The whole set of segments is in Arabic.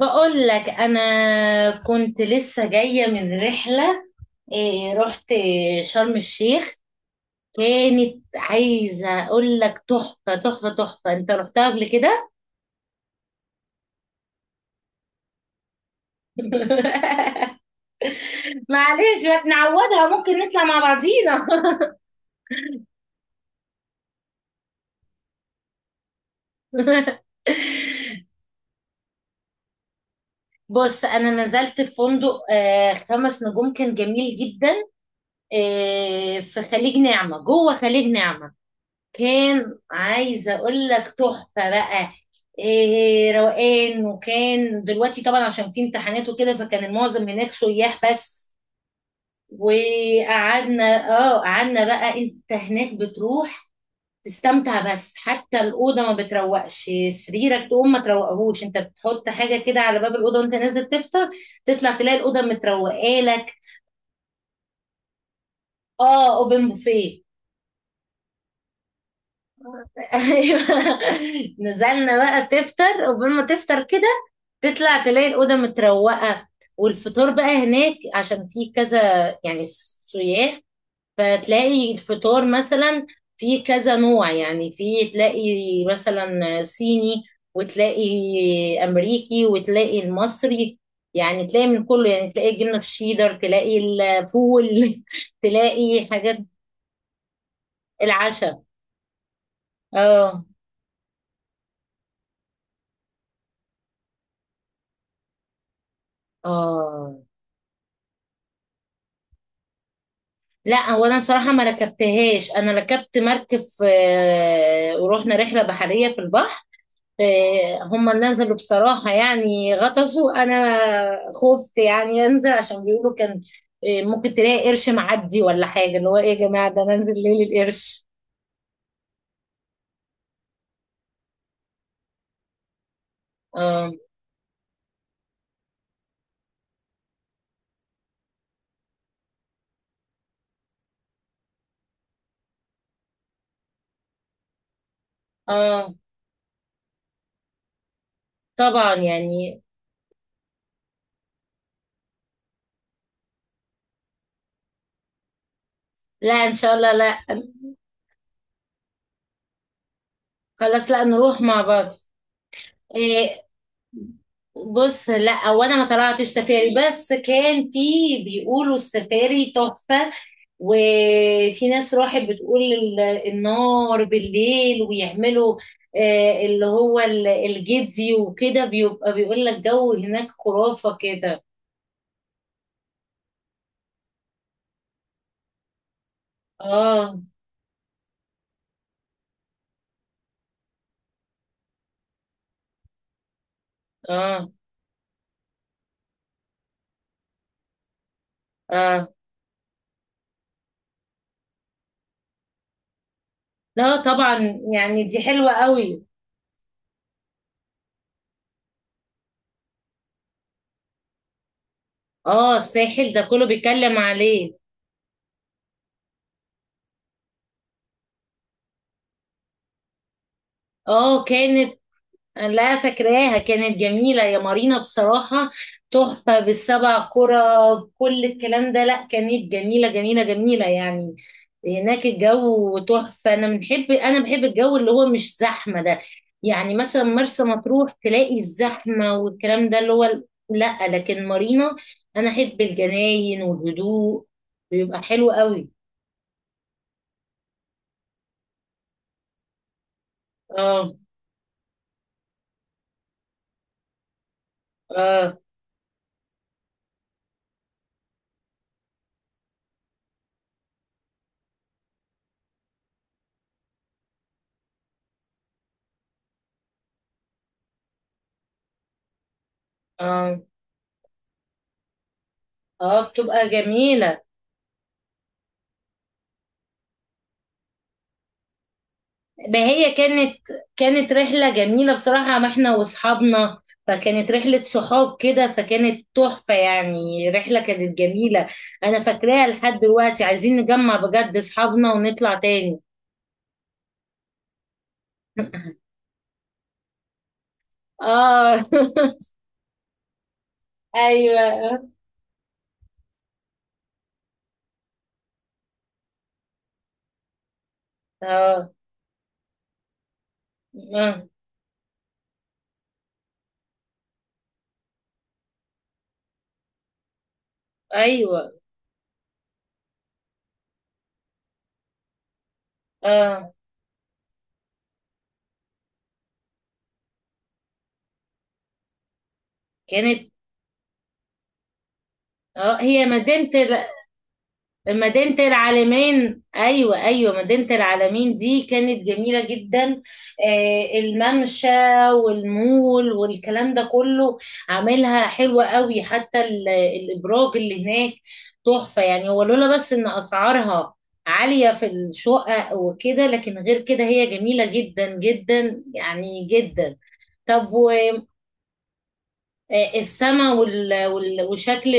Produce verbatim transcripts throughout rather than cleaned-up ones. بقول لك انا كنت لسه جايه من رحله. إيه، رحت شرم الشيخ. كانت عايزه اقول لك تحفه تحفه تحفه. انت رحتها قبل كده؟ معلش، ما تنعودها، ممكن نطلع مع بعضينا. بص، انا نزلت في فندق آه، خمس نجوم، كان جميل جدا. آه، في خليج نعمه، جوه خليج نعمه. كان عايزه اقول لك تحفه بقى. إيه، روقان. وكان دلوقتي طبعا عشان في امتحانات وكده، فكان المعظم هناك سياح بس. وقعدنا. اه، قعدنا بقى. انت هناك بتروح تستمتع. بس حتى الاوضه ما بتروقش، سريرك تقوم ما تروقهوش، انت بتحط حاجه كده على باب الاوضه وانت نازل تفطر، تطلع تلاقي الاوضه متروقه لك. اه، اوبن بوفيه. ايوه. نزلنا بقى تفطر. قبل ما تفطر كده تطلع تلاقي الأوضة متروقة. والفطور بقى هناك عشان في كذا يعني س- سياح. فتلاقي الفطور مثلا في كذا نوع، يعني في تلاقي مثلا صيني، وتلاقي أمريكي، وتلاقي المصري، يعني تلاقي من كله، يعني تلاقي جبنة في الشيدر، تلاقي الفول، تلاقي حاجات. العشاء. اه. اه، لا، هو انا بصراحه ما ركبتهاش. انا ركبت مركب في آه، ورحنا رحله بحريه في البحر. آه، هم نزلوا بصراحه يعني، غطسوا. انا خفت يعني انزل، عشان بيقولوا كان آه، ممكن تلاقي قرش معدي ولا حاجه. اللي هو ايه يا جماعه، ده انا انزل ليه للقرش؟ اه. اه طبعا يعني. لا، ان شاء الله. لا خلاص، لا نروح مع بعض. آه، بص، لا وانا ما طلعتش سفاري، بس كان في بيقولوا السفاري تحفة. وفي ناس راحت بتقول ال- النار بالليل ويعملوا آه، اللي هو ال- الجدي وكده، بيبقى بيقول لك جو هناك خرافة كده. اه. اه. اه، لا طبعا يعني دي حلوة قوي. اه، الساحل ده كله بيتكلم عليه. اه، كانت لا، فاكراها، كانت جميلة يا مارينا بصراحة، تحفة بالسبع كرة، كل الكلام ده. لا، كانت جميلة جميلة جميلة يعني. هناك الجو تحفة. أنا بنحب أنا بحب الجو اللي هو مش زحمة ده. يعني مثلا مرسى مطروح تلاقي الزحمة والكلام ده، اللي هو ال- لا، لكن مارينا أنا أحب الجناين والهدوء، بيبقى حلو قوي. اه. اه. اه. اه، بتبقى جميلة. ما هي كانت كانت رحلة جميلة بصراحة، ما احنا واصحابنا، فكانت رحلة صحاب كده، فكانت تحفة يعني، رحلة كانت جميلة. انا فاكراها لحد دلوقتي، عايزين نجمع بجد اصحابنا ونطلع تاني. اه. ايوه. اه. آه. ايوه. اه، كانت. اه، هي مدينة مدينة العالمين، أيوة أيوة، مدينة العالمين دي كانت جميلة جدا. آه، الممشى والمول والكلام ده كله، عاملها حلوة قوي، حتى ال- الإبراج اللي هناك تحفة يعني. هو لولا بس إن أسعارها عالية في الشقق وكده، لكن غير كده هي جميلة جدا جدا يعني، جدا. طب، والسما وشكل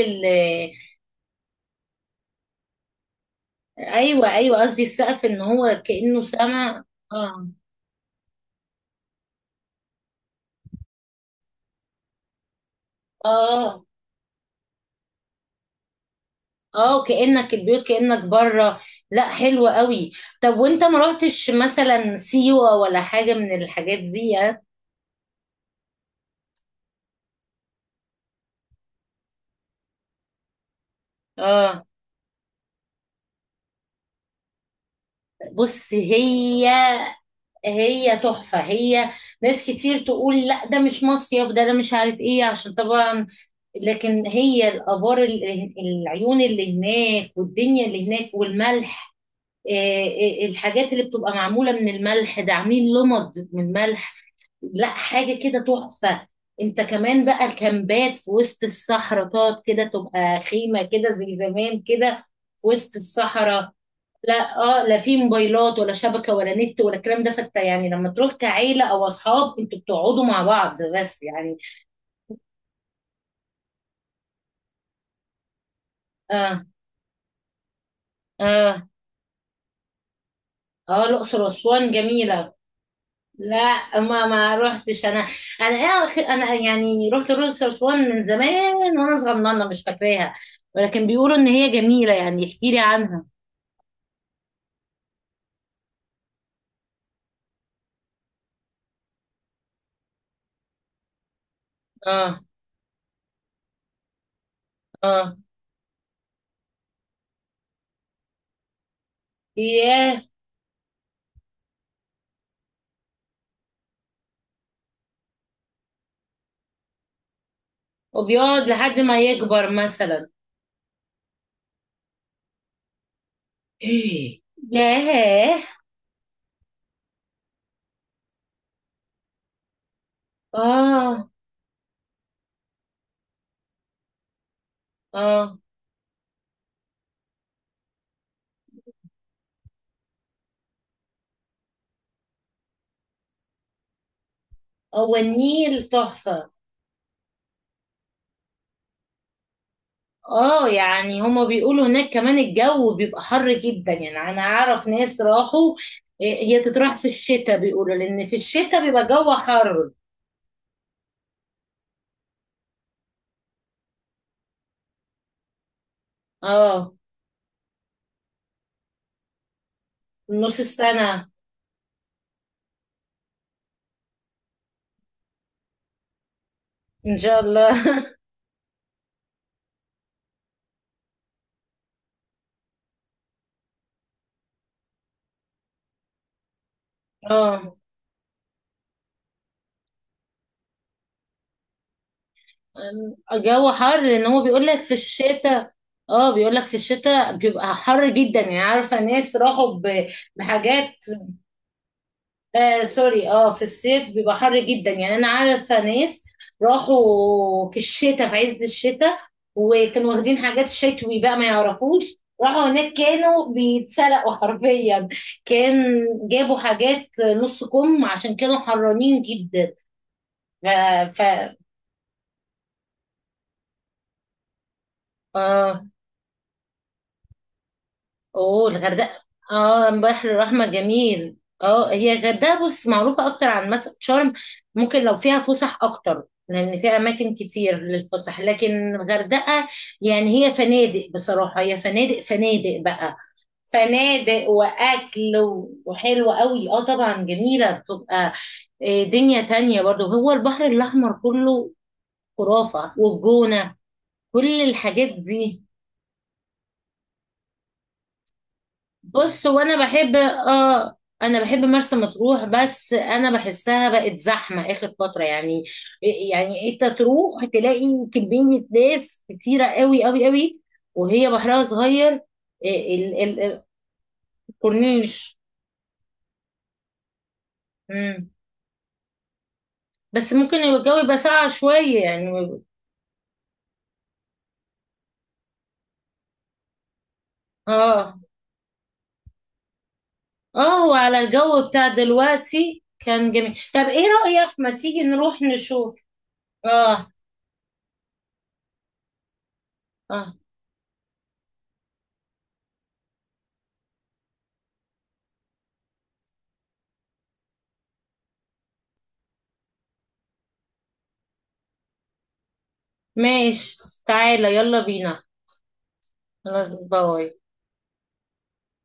ايوه، ايوه، قصدي السقف ان هو كانه سما. اه. اه. اه، كانك البيوت، كانك بره. لا، حلو قوي. طب، وانت ما رحتش مثلا سيوه ولا حاجه من الحاجات دي؟ اه. آه. بص، هي هي تحفه هي. ناس كتير تقول لا ده مش مصيف ده، انا مش عارف ايه عشان طبعا، لكن هي الآبار، ال- العيون اللي هناك والدنيا اللي هناك والملح، آه، آه، الحاجات اللي بتبقى معمولة من الملح ده، عاملين لمض من ملح. لا، حاجة كده تحفة. انت كمان بقى الكامبات في وسط الصحراء، تقعد كده، تبقى خيمة كده زي زمان كده في وسط الصحراء. لا. اه، لا في موبايلات ولا شبكة ولا نت ولا الكلام ده، فانت يعني لما تروح كعيلة او اصحاب، انتوا بتقعدوا مع بعض بس يعني. اه. اه. اه، الاقصر واسوان جميلة. لا، ما ما روحتش انا. انا ايه أخي- انا يعني رحت الأقصر وأسوان من زمان وانا صغننه، مش فاكراها. ولكن بيقولوا ان هي جميله يعني، احكي لي عنها. اه. اه. ياه، وبيقعد لحد ما يكبر مثلا. إيه. ياه. اه. اه، هو النيل تحفه. اه، يعني هما بيقولوا هناك كمان الجو بيبقى حر جدا يعني، انا اعرف ناس راحوا. إيه، هي تتراح في الشتاء بيقولوا، لان في الشتاء بيبقى جو حر. اه، نص السنة. ان شاء الله. اه، الجو حر ان هو بيقول لك في الشتاء. اه، بيقول لك في الشتاء بيبقى حر جدا يعني، عارفة ناس راحوا ب- بحاجات. آه سوري، اه في الصيف بيبقى حر جدا يعني، انا عارفة ناس راحوا في الشتاء، في عز الشتاء، وكانوا واخدين حاجات شتوي بقى، ما يعرفوش راحوا هناك كانوا بيتسلقوا حرفيا. كان جابوا حاجات نص كم عشان كانوا حرانين جدا. آه، ف اه. اوه، الغردقه. اه، البحر الاحمر جميل. اه، هي الغردقه، بص، معروفه اكتر عن مثلا شرم. ممكن لو فيها فسح اكتر، لان في اماكن كتير للفسح، لكن الغردقه يعني هي فنادق بصراحه، هي فنادق فنادق بقى. فنادق واكل و- وحلوه قوي. اه طبعا جميله بتبقى. آه، دنيا تانية برضو، هو البحر الاحمر كله خرافه، والجونه، كل الحاجات دي. بص، وانا بحب اه انا بحب مرسى مطروح، بس انا بحسها بقت زحمه اخر فتره يعني. يعني انت تروح تلاقي كميه ناس كتيره قوي قوي قوي. وهي بحرها صغير، آه، ال- ال- ال- الكورنيش. مم. بس ممكن الجو يبقى ساقع شويه يعني. اه. اه، وعلى الجو بتاع دلوقتي كان جميل. طب ايه رايك، ما تيجي نروح نشوف؟ اه. اه. ماشي، تعالى، يلا بينا. خلاص، باي.